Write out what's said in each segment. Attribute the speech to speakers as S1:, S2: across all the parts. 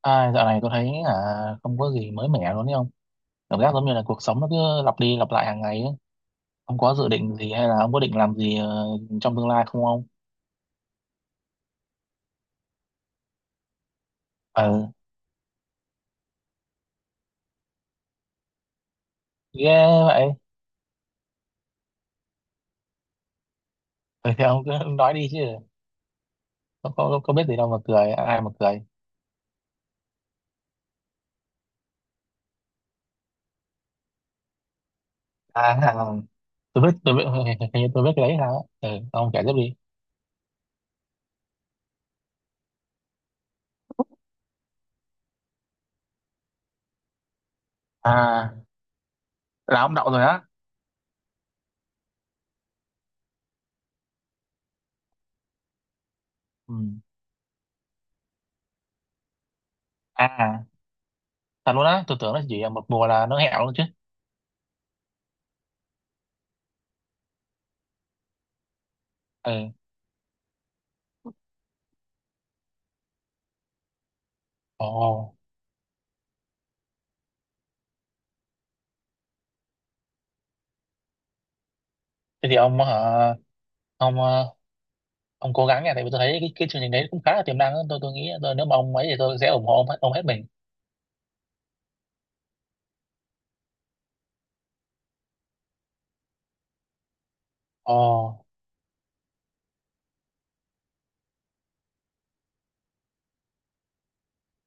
S1: Ai, dạo này tôi thấy là không có gì mới mẻ luôn đấy ông. Cảm giác giống như là cuộc sống nó cứ lặp đi lặp lại hàng ngày ấy. Ông có dự định gì hay là ông có định làm gì trong tương lai không ông? Ừ, ghê vậy. Ừ, thì ông cứ nói đi chứ. Có biết gì đâu mà cười, ai mà cười. À, à, tôi biết, hình như tôi biết cái đấy sao á. Ừ, ông kể tiếp đi. À, là ông đậu rồi á. Ừ. À, thật luôn á, tôi tưởng nó chỉ là một mùa là nó hẹo luôn chứ. Ừ. Ồ, thế thì ông hả? Ông ờ, ông cố gắng nha, tại vì tôi thấy cái chương trình đấy cũng khá là tiềm năng á. Tôi nghĩ tôi, nếu mà ông ấy thì tôi sẽ ủng hộ ông, ông hết mình. Ồ.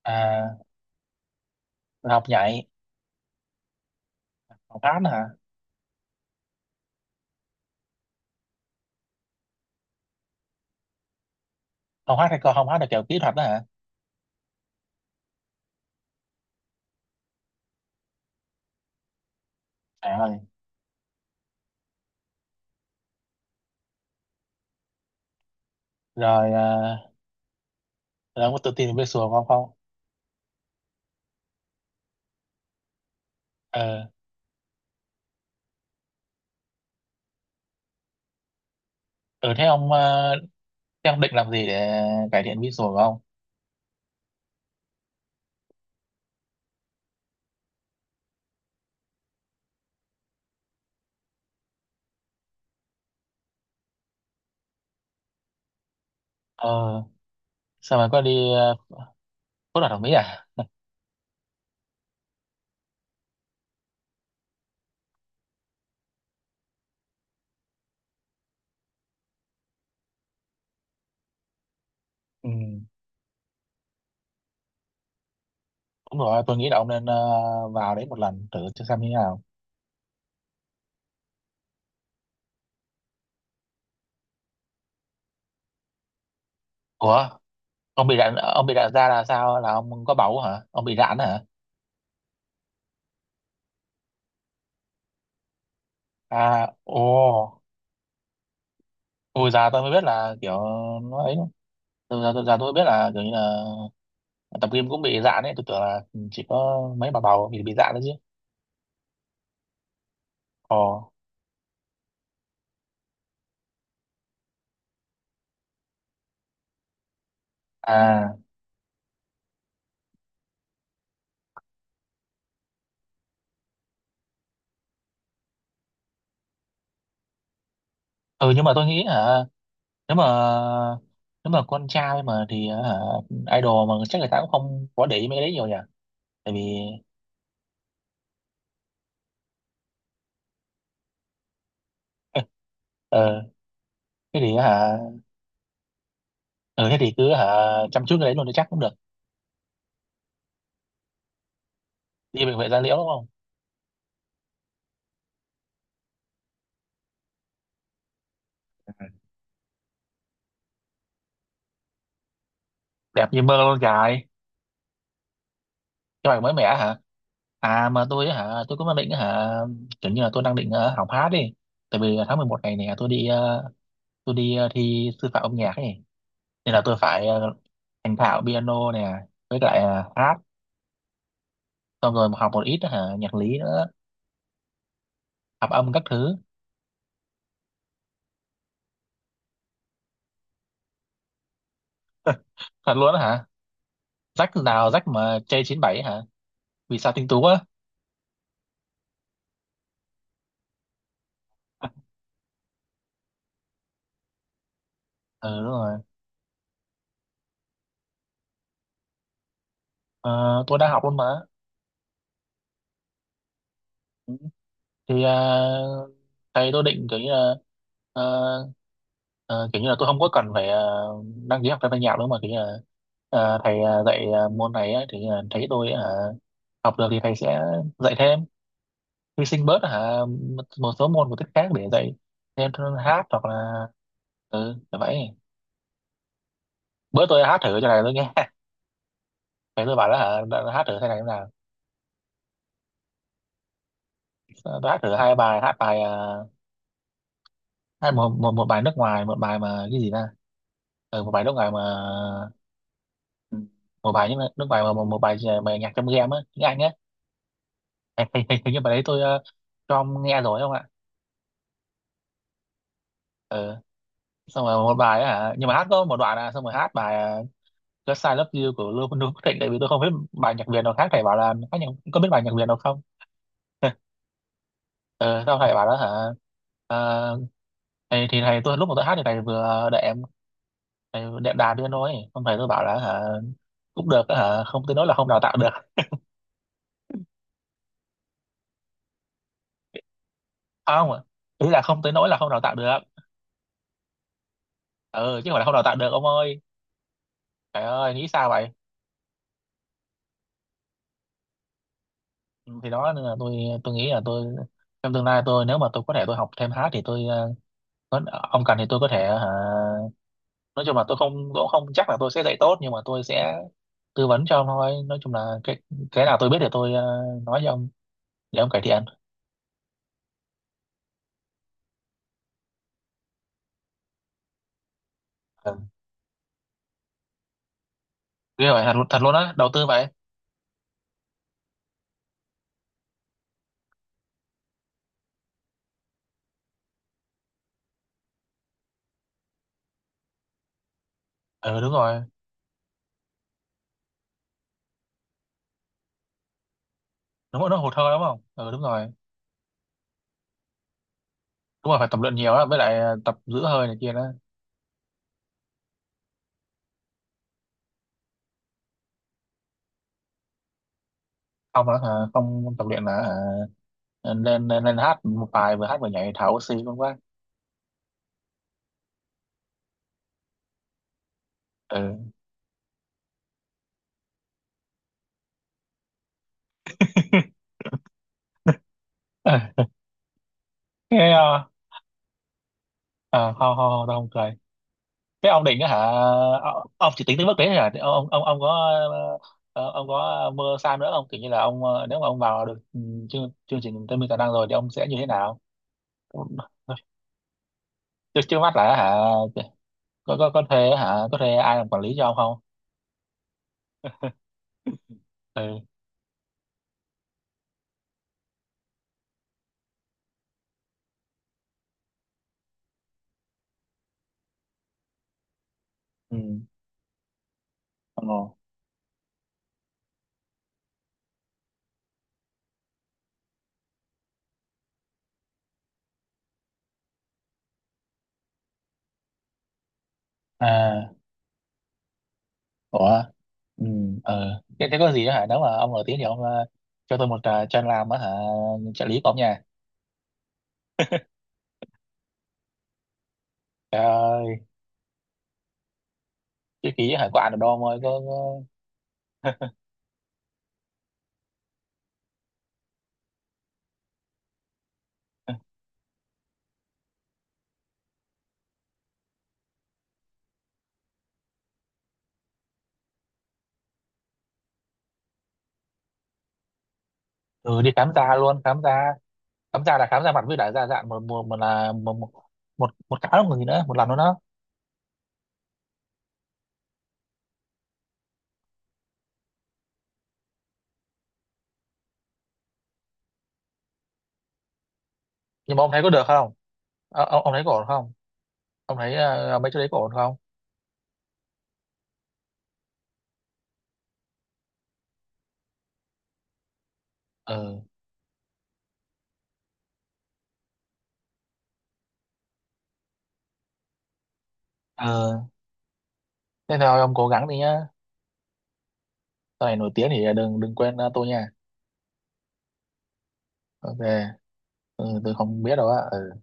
S1: À, là học nhảy. Học hát nữa hả? Học hát hay còn không hát là kiểu kỹ thuật đó hả? À ơi. Rồi à, rồi ông có tự tin về visual của ông không? Ờ. Ừ, thế ông à, thế ông định làm gì để cải thiện visual của ông? Ờ. Sao mà có đi uh, phẫu thuật thẩm mỹ à? Ừ đúng rồi, tôi nghĩ là ông nên vào đấy một lần thử cho xem như thế nào. Ủa, ông bị rạn da là sao, là ông có bầu hả, ông bị rạn hả? À, ồ, tôi già tôi mới biết là kiểu nó ấy, tôi già tôi mới biết là kiểu như là tập gym cũng bị dạn ấy, tôi tưởng là chỉ có mấy bà bầu bị dạn đấy chứ. Ồ, à, ừ, nhưng mà tôi nghĩ hả, nếu mà nếu mà con trai mà thì hả, idol mà chắc người ta cũng không có để ý mấy cái đấy nhiều nhỉ, tại vì ờ, thế thì hả, ừ thế thì cứ hả, chăm chút cái đấy luôn thì chắc cũng được, đi bệnh viện da liễu đúng không? Ừ. Đẹp như mơ luôn trời, cái mày mới mẻ hả? À mà tôi á hả, tôi cũng đang định á hả, kiểu như là tôi đang định học hát đi. Tại vì tháng 11 này nè tôi đi thi sư phạm âm nhạc ấy. Nên là tôi phải thành thạo piano nè, với lại hát, xong rồi học một ít á hả, nhạc lý nữa, hợp âm các thứ. Thật luôn á hả? Rách nào rách mà j bảy hả? Vì sao tinh tú á? Ừ đúng rồi. Ờ, tôi đang học luôn mà. Ừ. Thì ờ, Thầy tôi định kiểu như là ờ, Ờ, kiểu như là tôi không có cần phải đăng ký học thêm thanh nhạc nữa, mà kiểu như là thầy dạy môn này ấy, thì thấy tôi học được thì thầy sẽ dạy thêm, hy sinh bớt hả một một số môn của tiết khác để dạy thêm hát, hoặc là ừ là vậy. Bữa tôi hát thử cho này tôi nghe, thầy tôi bảo là hả, đã hát thử thế này thế nào. Ờ, tôi hát thử hai bài hát, bài hát một, một một bài nước ngoài, một bài mà cái gì ta, ừ, một bài nước ngoài mà, ừ, một bài nhưng mà nước ngoài mà một bài bài nhạc trong game á, tiếng Anh á. Hình, hình, hình Hình như bài đấy tôi cho ông nghe rồi không ạ? Ừ. Xong rồi một bài ấy hả, nhưng mà hát có một đoạn à, xong rồi hát bài Just I Love You của Lưu Lưu Quốc Thịnh, tại vì tôi không biết bài nhạc Việt nào khác, thầy bảo là hát nhạc, có biết bài nhạc Việt nào không. Ừ, sau thầy bảo đó hả. Ờ, thì thầy tôi lúc mà tôi hát thì thầy vừa đệm, thầy đệm đàn đưa nói xong thầy tôi bảo là hả cũng được á hả, không tới nỗi là không đào tạo được. Không, ý là không tới nỗi là không đào tạo được, ừ chứ không phải là không đào tạo được ông ơi. Trời ơi nghĩ sao vậy. Thì đó, nên là tôi nghĩ là tôi trong tương lai, tôi nếu mà tôi có thể, tôi học thêm hát thì tôi có, ông cần thì tôi có thể hả, nói chung là tôi không, tôi cũng không chắc là tôi sẽ dạy tốt, nhưng mà tôi sẽ tư vấn cho ông thôi, nói chung là cái nào tôi biết thì tôi nói với ông để ông cải thiện. Ừ. Ghê vậy, thật luôn á, đầu tư vậy. Ừ đúng rồi, đúng rồi, nó hụt hơi đúng không, ừ đúng rồi, đúng rồi, phải tập luyện nhiều á, với lại tập giữ hơi này kia đó. Không là hả, không tập luyện là hả, lên, lên lên hát một bài vừa hát vừa nhảy thở oxy luôn quá. Ừ. Thế à, à không không không, tao không cười. Cái ông định á hả, ông chỉ tính tới mức đấy thôi hả ông có ờ, ông có mơ xa nữa không, kiểu như là ông nếu mà ông vào được ừ, chương chương trình Tây Minh Tài Năng rồi thì ông sẽ như thế nào? Trước Trước mắt là hả, có thuê hả, có thuê ai làm quản lý cho ông không? Ừ ừ, ông Ngô à, ủa, ừ. Thế có gì đó hả, nếu mà ông nổi tiếng thì ông cho tôi một chân làm á hả, trợ lý của ông nha. Trời ơi, cái ký hả, có ăn được đâu ông ơi, có... ừ, đi khám da luôn, khám da. Khám da là khám da mặt với lại da dạn, một một một là một, cái một gì nữa, một lần nữa đó. Nhưng mà ông thấy có được không? Ờ, ông thấy có ổn không, ông thấy mấy chỗ đấy có ổn không? Ừ. Ờ thế thôi ông cố gắng đi nhá, sau này nổi tiếng thì đừng đừng quên tôi nha. Ok. Ừ tôi không biết đâu á ừ.